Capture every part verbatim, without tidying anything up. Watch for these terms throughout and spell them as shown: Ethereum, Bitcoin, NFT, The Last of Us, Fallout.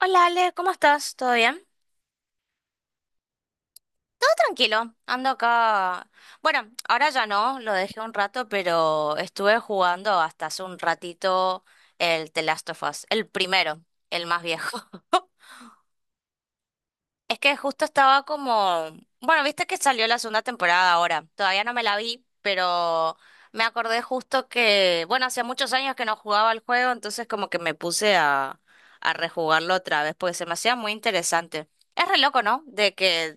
Hola Ale, ¿cómo estás? ¿Todo bien? Todo tranquilo, ando acá. Bueno, ahora ya no, lo dejé un rato, pero estuve jugando hasta hace un ratito el The Last of Us, el primero, el más viejo. Es que justo estaba como, bueno, viste que salió la segunda temporada ahora, todavía no me la vi, pero me acordé justo que, bueno, hacía muchos años que no jugaba el juego, entonces como que me puse a, a rejugarlo otra vez, porque se me hacía muy interesante. Es re loco, ¿no? De que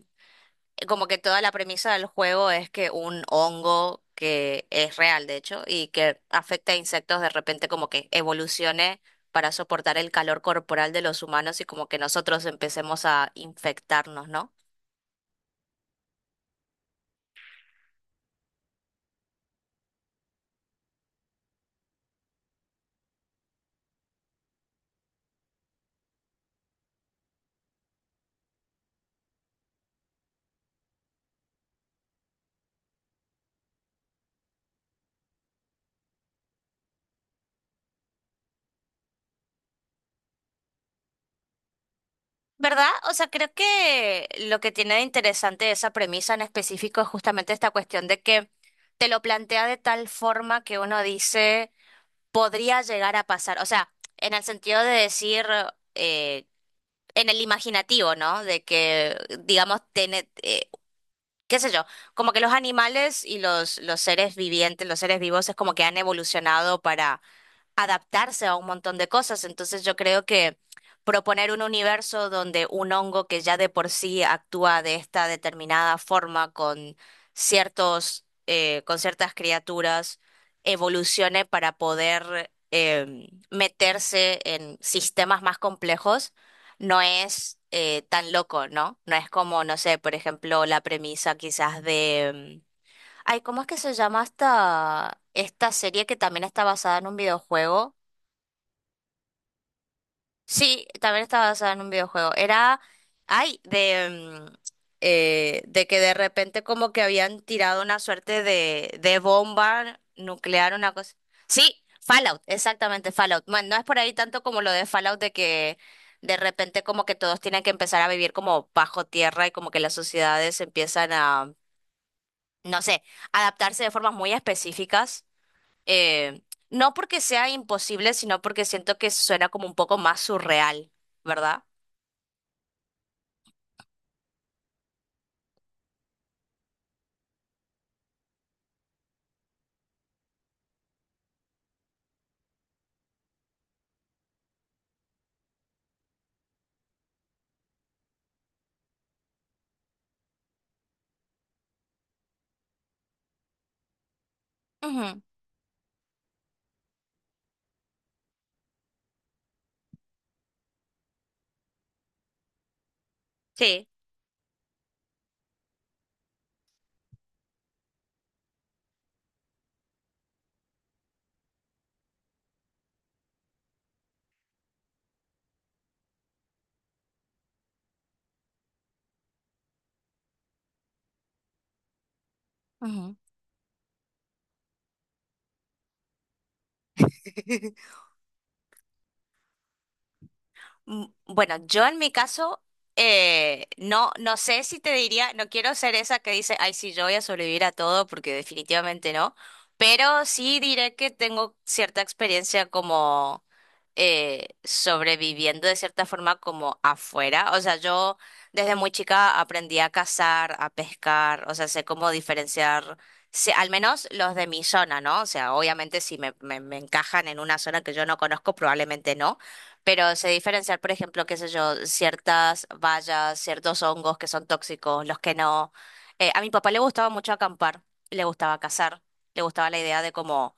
como que toda la premisa del juego es que un hongo que es real, de hecho, y que afecta a insectos de repente como que evolucione para soportar el calor corporal de los humanos y como que nosotros empecemos a infectarnos, ¿no? ¿Verdad? O sea, creo que lo que tiene de interesante esa premisa en específico es justamente esta cuestión de que te lo plantea de tal forma que uno dice, podría llegar a pasar. O sea, en el sentido de decir, eh, en el imaginativo, ¿no? De que, digamos, tiene, eh, qué sé yo, como que los animales y los, los seres vivientes, los seres vivos es como que han evolucionado para adaptarse a un montón de cosas. Entonces yo creo que proponer un universo donde un hongo que ya de por sí actúa de esta determinada forma con ciertos, eh, con ciertas criaturas, evolucione para poder eh, meterse en sistemas más complejos, no es eh, tan loco, ¿no? No es como, no sé, por ejemplo, la premisa quizás de... mm, ay, ¿cómo es que se llama esta, esta serie que también está basada en un videojuego? Sí, también estaba basada en un videojuego. Era, ay, de, mm, eh, de que de repente como que habían tirado una suerte de, de bomba nuclear, una cosa. Sí, Fallout, exactamente, Fallout. Bueno, no es por ahí tanto como lo de Fallout de que de repente como que todos tienen que empezar a vivir como bajo tierra y como que las sociedades empiezan a, no sé, adaptarse de formas muy específicas eh, no porque sea imposible, sino porque siento que suena como un poco más surreal, ¿verdad? Ujú. Sí. Ujú. Mm. Bueno, yo en mi caso, eh, no, no sé si te diría, no quiero ser esa que dice, ay, sí, yo voy a sobrevivir a todo, porque definitivamente no, pero sí diré que tengo cierta experiencia como eh, sobreviviendo de cierta forma como afuera. O sea, yo desde muy chica aprendí a cazar, a pescar, o sea, sé cómo diferenciar, sé- al menos los de mi zona, ¿no? O sea, obviamente si me, me me encajan en una zona que yo no conozco, probablemente no, pero se diferenciar, por ejemplo, qué sé yo, ciertas bayas, ciertos hongos que son tóxicos, los que no. Eh, a mi papá le gustaba mucho acampar, le gustaba cazar, le gustaba la idea de como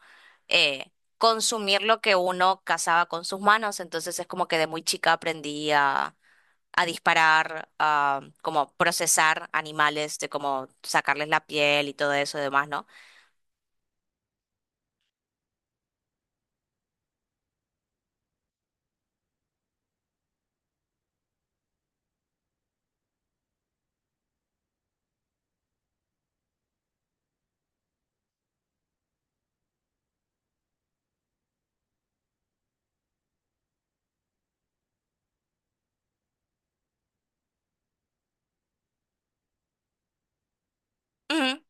eh, consumir lo que uno cazaba con sus manos. Entonces es como que de muy chica aprendí a, a disparar, a como procesar animales, de cómo sacarles la piel y todo eso y demás, ¿no? Ujú.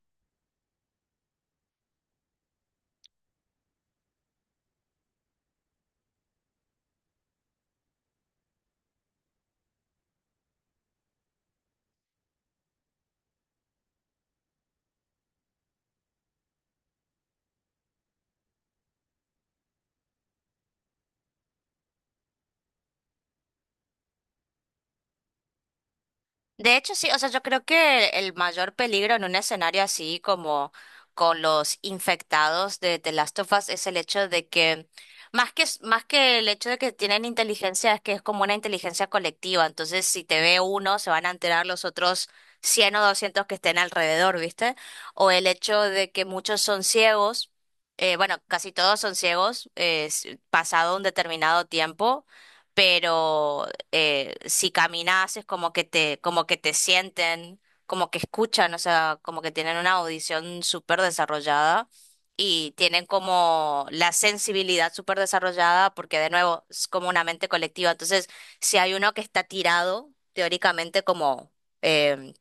De hecho, sí, o sea, yo creo que el mayor peligro en un escenario así como con los infectados de The Last of Us es el hecho de que, más que, más que el hecho de que tienen inteligencia, es que es como una inteligencia colectiva. Entonces, si te ve uno, se van a enterar los otros cien o doscientos que estén alrededor, ¿viste? O el hecho de que muchos son ciegos, eh, bueno, casi todos son ciegos, eh, s- pasado un determinado tiempo, pero eh, si caminas es como que te, como que te sienten, como que escuchan, o sea, como que tienen una audición súper desarrollada y tienen como la sensibilidad súper desarrollada porque de nuevo es como una mente colectiva. Entonces, si hay uno que está tirado, teóricamente como... eh,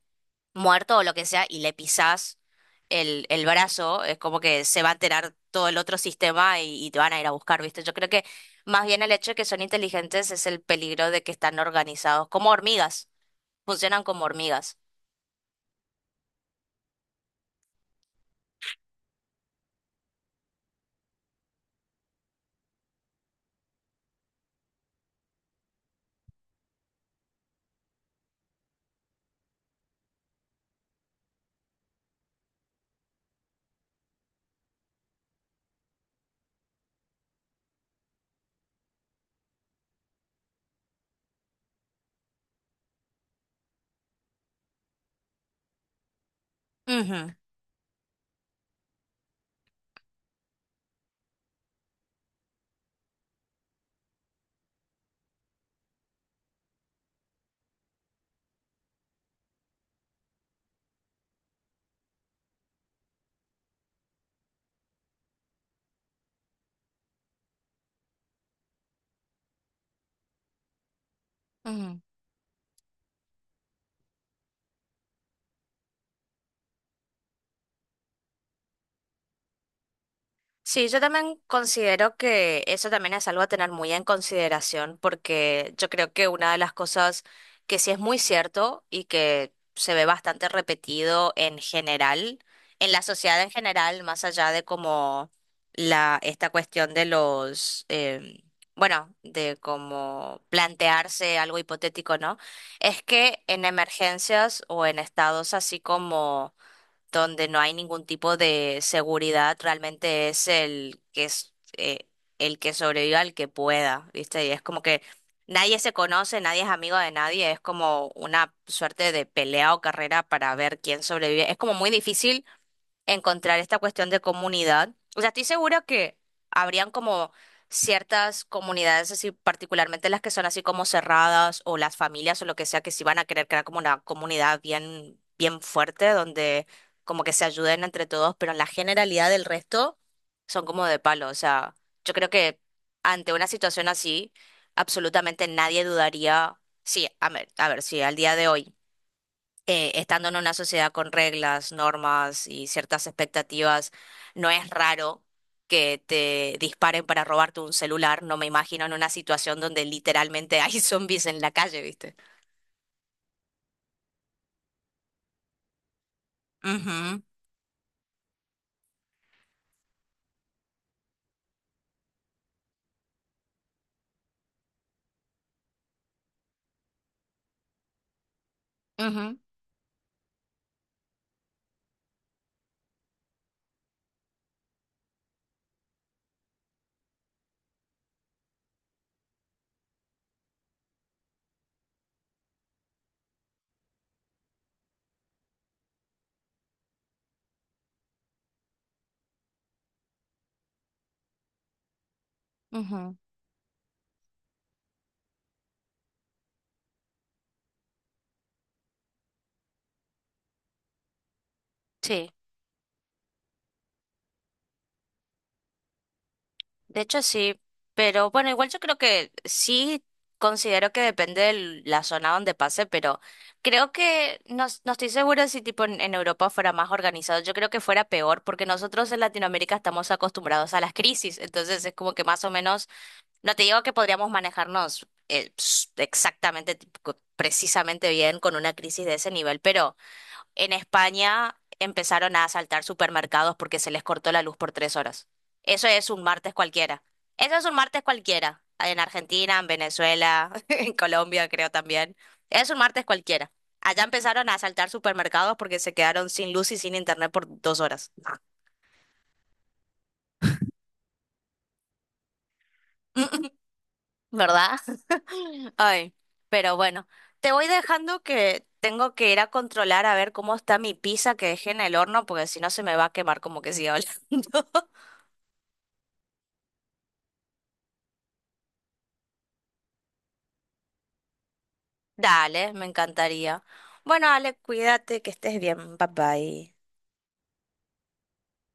muerto o lo que sea y le pisás el, el brazo, es como que se va a enterar todo el otro sistema y, y te van a ir a buscar, ¿viste? Yo creo que más bien el hecho de que son inteligentes es el peligro de que están organizados como hormigas, funcionan como hormigas. Ujú, ujú. Sí, yo también considero que eso también es algo a tener muy en consideración, porque yo creo que una de las cosas que sí es muy cierto y que se ve bastante repetido en general, en la sociedad en general, más allá de como la, esta cuestión de los, em, bueno, de como plantearse algo hipotético, ¿no? Es que en emergencias o en estados así como donde no hay ningún tipo de seguridad, realmente es el que es eh, el que sobreviva el que pueda, ¿viste? Y es como que nadie se conoce, nadie es amigo de nadie, es como una suerte de pelea o carrera para ver quién sobrevive. Es como muy difícil encontrar esta cuestión de comunidad. O sea, estoy segura que habrían como ciertas comunidades así, particularmente las que son así como cerradas o las familias o lo que sea, que sí van a querer crear como una comunidad bien, bien fuerte donde como que se ayuden entre todos, pero en la generalidad del resto son como de palo. O sea, yo creo que ante una situación así, absolutamente nadie dudaría. Sí, a ver, a ver, sí, al día de hoy eh, estando en una sociedad con reglas, normas y ciertas expectativas, no es raro que te disparen para robarte un celular. No me imagino en una situación donde literalmente hay zombies en la calle, ¿viste? Ujú, ujú, ujú. Sí. De hecho, sí, pero bueno, igual yo creo que sí considero que depende de la zona donde pase, pero creo que no, no estoy segura si tipo en, en Europa fuera más organizado, yo creo que fuera peor, porque nosotros en Latinoamérica estamos acostumbrados a las crisis, entonces es como que más o menos, no te digo que podríamos manejarnos eh, ps- exactamente, tipo, co- precisamente bien con una crisis de ese nivel, pero... En España empezaron a asaltar supermercados porque se les cortó la luz por tres horas. Eso es un martes cualquiera. Eso es un martes cualquiera. En Argentina, en Venezuela, en Colombia creo también. Es un martes cualquiera. Allá empezaron a asaltar supermercados porque se quedaron sin luz y sin internet por dos horas. ¿Verdad? Ay, pero bueno, te voy dejando que tengo que ir a controlar a ver cómo está mi pizza que dejé en el horno porque si no se me va a quemar como que siga hablando. Dale, me encantaría. Bueno, Ale, cuídate, que estés bien. Bye bye.